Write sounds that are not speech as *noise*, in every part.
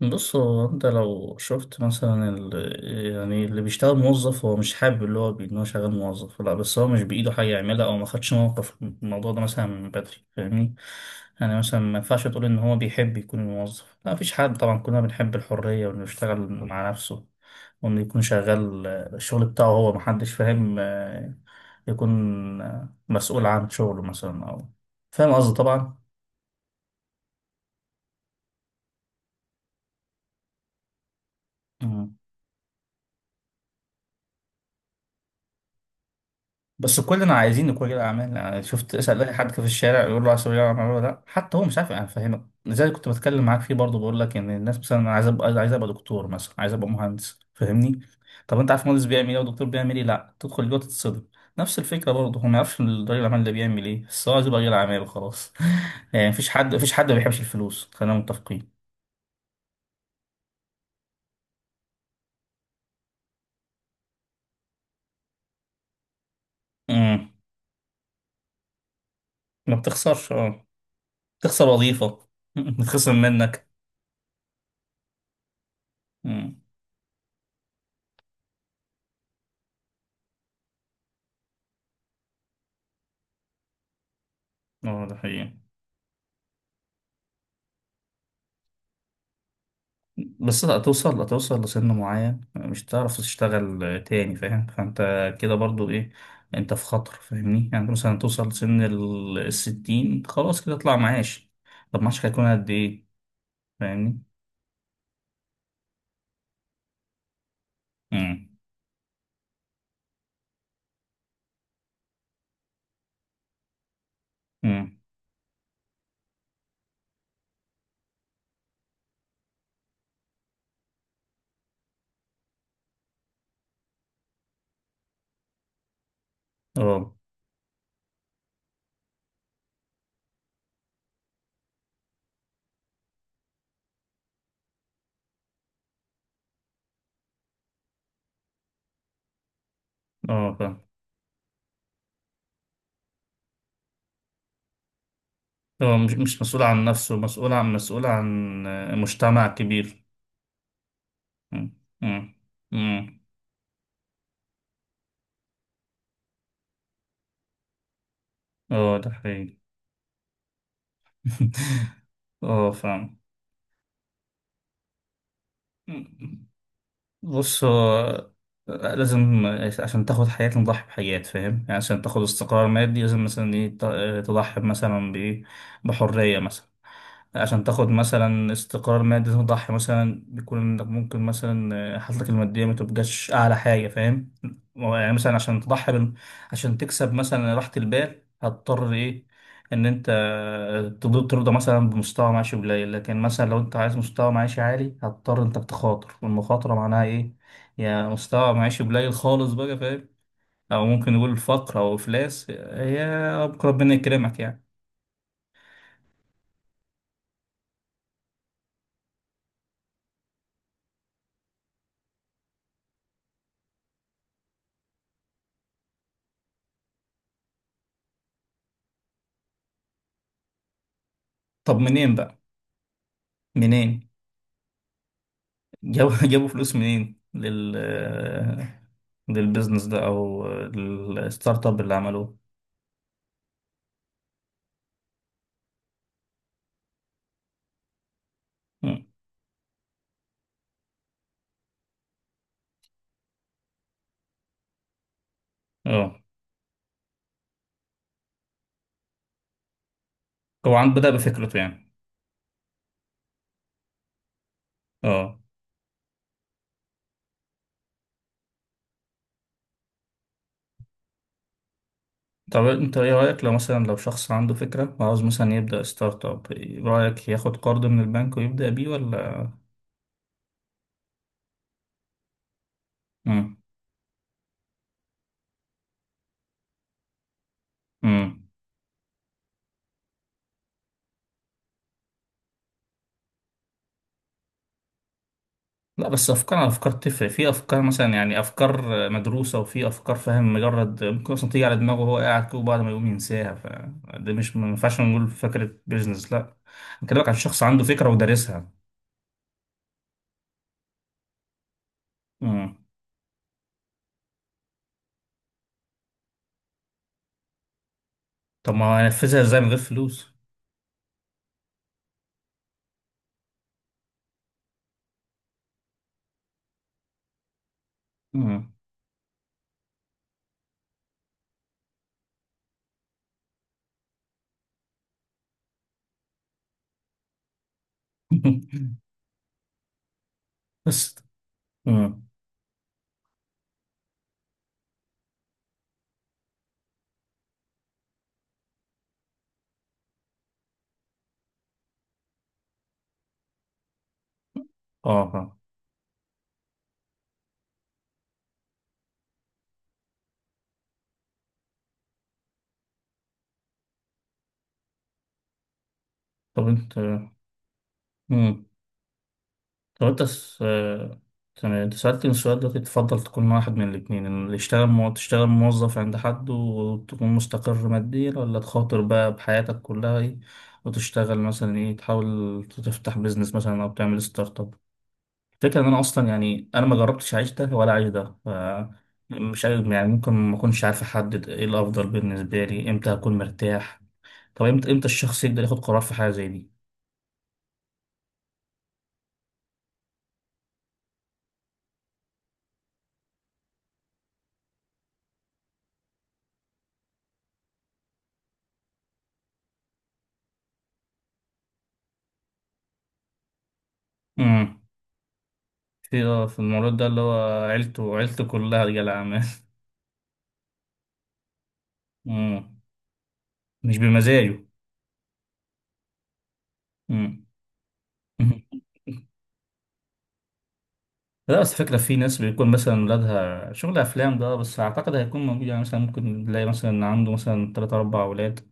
بص هو انت لو شفت مثلا يعني اللي بيشتغل موظف هو مش حابب اللي هو ان هو شغال موظف، لا بس هو مش بايده حاجه يعملها او ما خدش موقف في الموضوع ده مثلا من بدري، فاهمني؟ يعني مثلا ما ينفعش تقول ان هو بيحب يكون موظف، لا مفيش حد طبعا، كلنا بنحب الحريه وانه يشتغل مع نفسه وانه يكون شغال، الشغل بتاعه هو محدش فاهم، يكون مسؤول عن شغله مثلا او فاهم قصدي طبعا. بس كلنا عايزين نكون رجال اعمال. يعني شفت، اسال اي حد في الشارع يقول له عايز تبقى رجل اعمال ولا لا، حتى هو مش عارف يعني. فاهمك؟ لذلك كنت بتكلم معاك فيه برضه، بقول لك ان الناس مثلا أنا عايز ابقى عايز ابقى دكتور، مثلا عايز ابقى مهندس، فاهمني؟ طب انت عارف مهندس بيعمل ايه ودكتور بيعمل ايه؟ لا، تدخل جوه تتصدم. نفس الفكره برضه، هو ما يعرفش رجل الاعمال ده بيعمل ايه، بس هو عايز يبقى رجل اعمال وخلاص. *laughs* يعني مفيش حد ما بيحبش الفلوس، خلينا متفقين. امم ما بتخسرش، اه بتخسر وظيفه. *laughs* بتخسر منك. امم اه ده حقيقي. بس هتوصل، لسن معين مش هتعرف تشتغل تاني، فاهم؟ فانت كده برضو ايه، انت في خطر، فاهمني؟ يعني انت مثلا توصل لسن الستين، خلاص كده اطلع معاش. طب معاشك هيكون قد ايه؟ فاهمني؟ امم. امم. اه. اه فاهم. هو مش مسؤول عن نفسه، مسؤول عن مجتمع كبير. امم. امم. امم. اه ده حقيقي. *laughs* اه فاهم. بص هو لازم عشان تاخد حياة نضحي بحاجات، فاهم؟ يعني عشان تاخد استقرار مادي لازم مثلا ايه، تضحي مثلا بإيه؟ بحرية مثلا. عشان تاخد مثلا استقرار مادي تضحي مثلا بيكون إنك ممكن مثلا حالتك المادية ما تبقاش أعلى حاجة، فاهم؟ يعني مثلا عشان تضحي عشان تكسب مثلا راحة البال هتضطر إيه؟ إن أنت ترضى مثلا بمستوى معيشي قليل، لكن مثلا لو أنت عايز مستوى معيشي عالي هتضطر إنك تخاطر، والمخاطرة معناها إيه؟ يعني مستوى معيشي قليل خالص بقى، فاهم؟ أو ممكن نقول فقر أو إفلاس، هي ربنا يكرمك يعني. طب منين بقى؟ منين جابوا؟ *laughs* جابوا فلوس منين للبيزنس ده او الستارت اب اللي عملوه؟ مم. اه هو بدأ بفكرته يعني. اه طب انت ايه رأيك لو شخص عنده فكرة وعاوز مثلا يبدأ ستارت اب، إيه رأيك ياخد قرض من البنك ويبدأ بيه ولا؟ مم. مم. لا بس افكار على افكار تفرق، في افكار مثلا يعني افكار مدروسه، وفي افكار فاهم مجرد ممكن اصلا تيجي على دماغه وهو قاعد كده وبعد ما يقوم ينساها، فده مش، ما ينفعش نقول فكره بيزنس. لا انا بكلمك عن شخص عنده فكره ودارسها. امم. طب ما هينفذها ازاي من غير فلوس؟ امم. *laughs* بس. امم. اه فاهم. طب انت، امم. لو انت س... آه، كان انت سألتني السؤال ده، تفضل تكون واحد من الاتنين، ان اللي يشتغل تشتغل موظف عند حد وتكون مستقر ماديا، ولا تخاطر بقى بحياتك كلها ايه وتشتغل مثلا ايه، تحاول تفتح بيزنس مثلا او تعمل ستارت اب؟ الفكرة ان انا اصلا يعني انا ما جربتش اعيش ده ولا اعيش ده، مش عارف يعني. ممكن ما اكونش عارف احدد ايه الافضل بالنسبة لي، امتى هكون مرتاح. طب امتى، الشخص يقدر ياخد قرار في حاجة زي دي؟ امم. في، اه في المولود ده اللي هو عيلته عيلته كلها رجال أعمال. *laughs* مم. مش بمزاجه. مم. *laughs* لا بس فكرة، في ناس بيكون مثلا ولادها شغل أفلام، ده بس أعتقد هيكون موجود يعني. مثلا ممكن تلاقي مثلا عنده مثلا تلات أربع أولاد،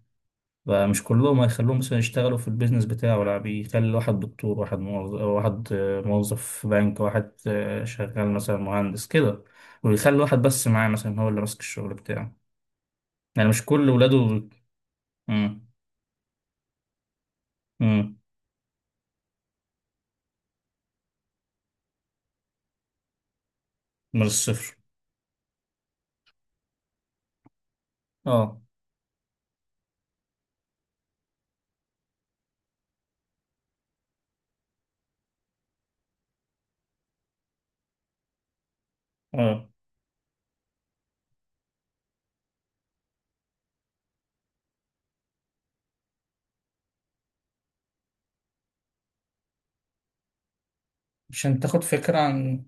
فمش كلهم هيخلوهم مثلا يشتغلوا في البيزنس بتاعه، لا بيخلي واحد دكتور، واحد موظف، واحد موظف في بنك، واحد شغال مثلا مهندس كده، ويخلي واحد بس معاه مثلا هو اللي ماسك الشغل بتاعه. يعني مش كل ولاده. مم. مم. من الصفر. اه. اه عشان تاخد فكرة عن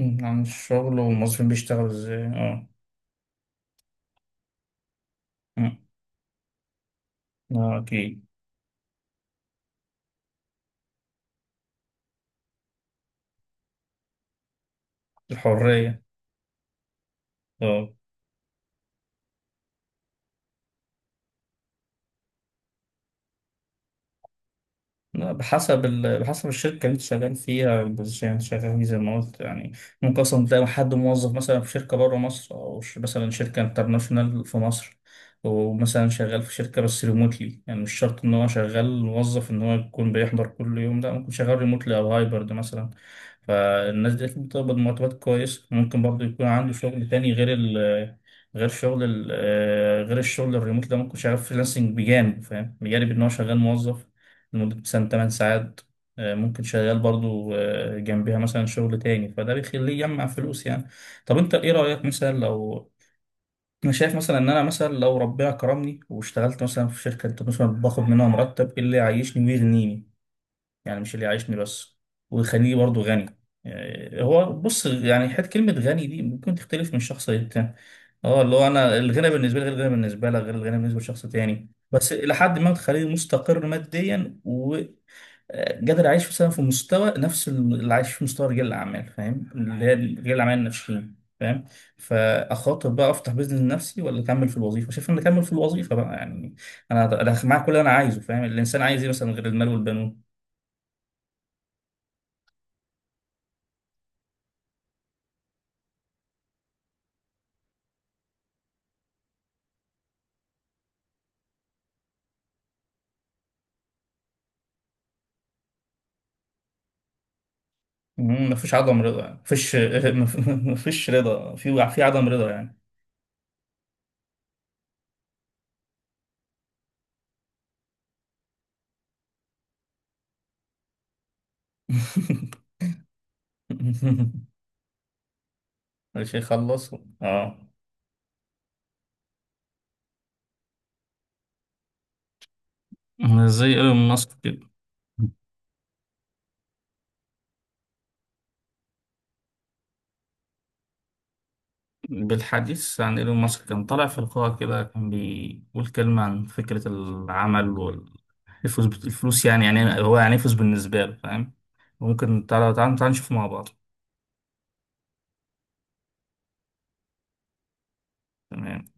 الشغل والموظفين بيشتغلوا ازاي، اه. مم. اه اكيد. الحرية. اه لا بحسب بحسب الشركة اللي انت شغال فيها، البوزيشن اللي انت شغال فيه، زي ما قلت يعني. ممكن اصلا تلاقي حد موظف مثلا في شركة بره مصر، او مثلا شركة انترناشونال في مصر، ومثلا شغال في شركة بس ريموتلي. يعني مش شرط ان هو شغال موظف ان هو يكون بيحضر كل يوم، لا ممكن شغال ريموتلي او هايبرد مثلا. فالناس دي أكيد بتقبض مرتبات كويس. ممكن برضه يكون عنده شغل تاني غير ال غير شغل ال آه، غير الشغل الريموت ده، ممكن شغال فريلانسنج بجانب، فاهم؟ بجانب إن هو شغال موظف لمدة مثلا 8 ساعات، ممكن شغال برضه جنبها مثلا شغل تاني، فده بيخليه يجمع فلوس يعني. طب أنت إيه رأيك مثلا لو، أنا شايف مثلا إن أنا مثلا لو ربنا كرمني واشتغلت مثلا في شركة، أنت مثلا باخد منها مرتب إيه اللي يعيشني ويغنيني. يعني مش اللي يعيشني بس، ويخليني برضو غني. يعني هو بص يعني حته كلمه غني دي ممكن تختلف من شخص للتاني. اه اللي هو انا الغنى بالنسبه لي غير الغنى بالنسبه لك غير الغنى بالنسبه لشخص تاني، بس الى حد ما تخليني مستقر ماديا وقادر اعيش مثلا في مستوى، نفس اللي عايش في مستوى رجال الاعمال، فاهم؟ اللي هي رجال الاعمال الناشئين، فاهم؟ فاخاطر بقى افتح بيزنس لنفسي ولا اكمل في الوظيفه؟ شايف ان اكمل في الوظيفه بقى يعني. انا انا معاك، كل اللي انا عايزه فاهم، الانسان عايز ايه مثلا غير المال والبنون. مفيش عدم رضا، يعني مفيش، *laughs* مفيش رضا، في عدم رضا يعني. *laughs* مش هيخلصوا، اه. زي ايلون ماسك كده. بالحديث عن ايلون ماسك، كان طالع في لقاء كده كان بيقول كلمة عن فكرة العمل والفلوس. الفلوس يعني، يعني هو يعني إيه فلوس بالنسبة له، فاهم؟ ممكن تعالى تعالى نشوف مع بعض. تمام.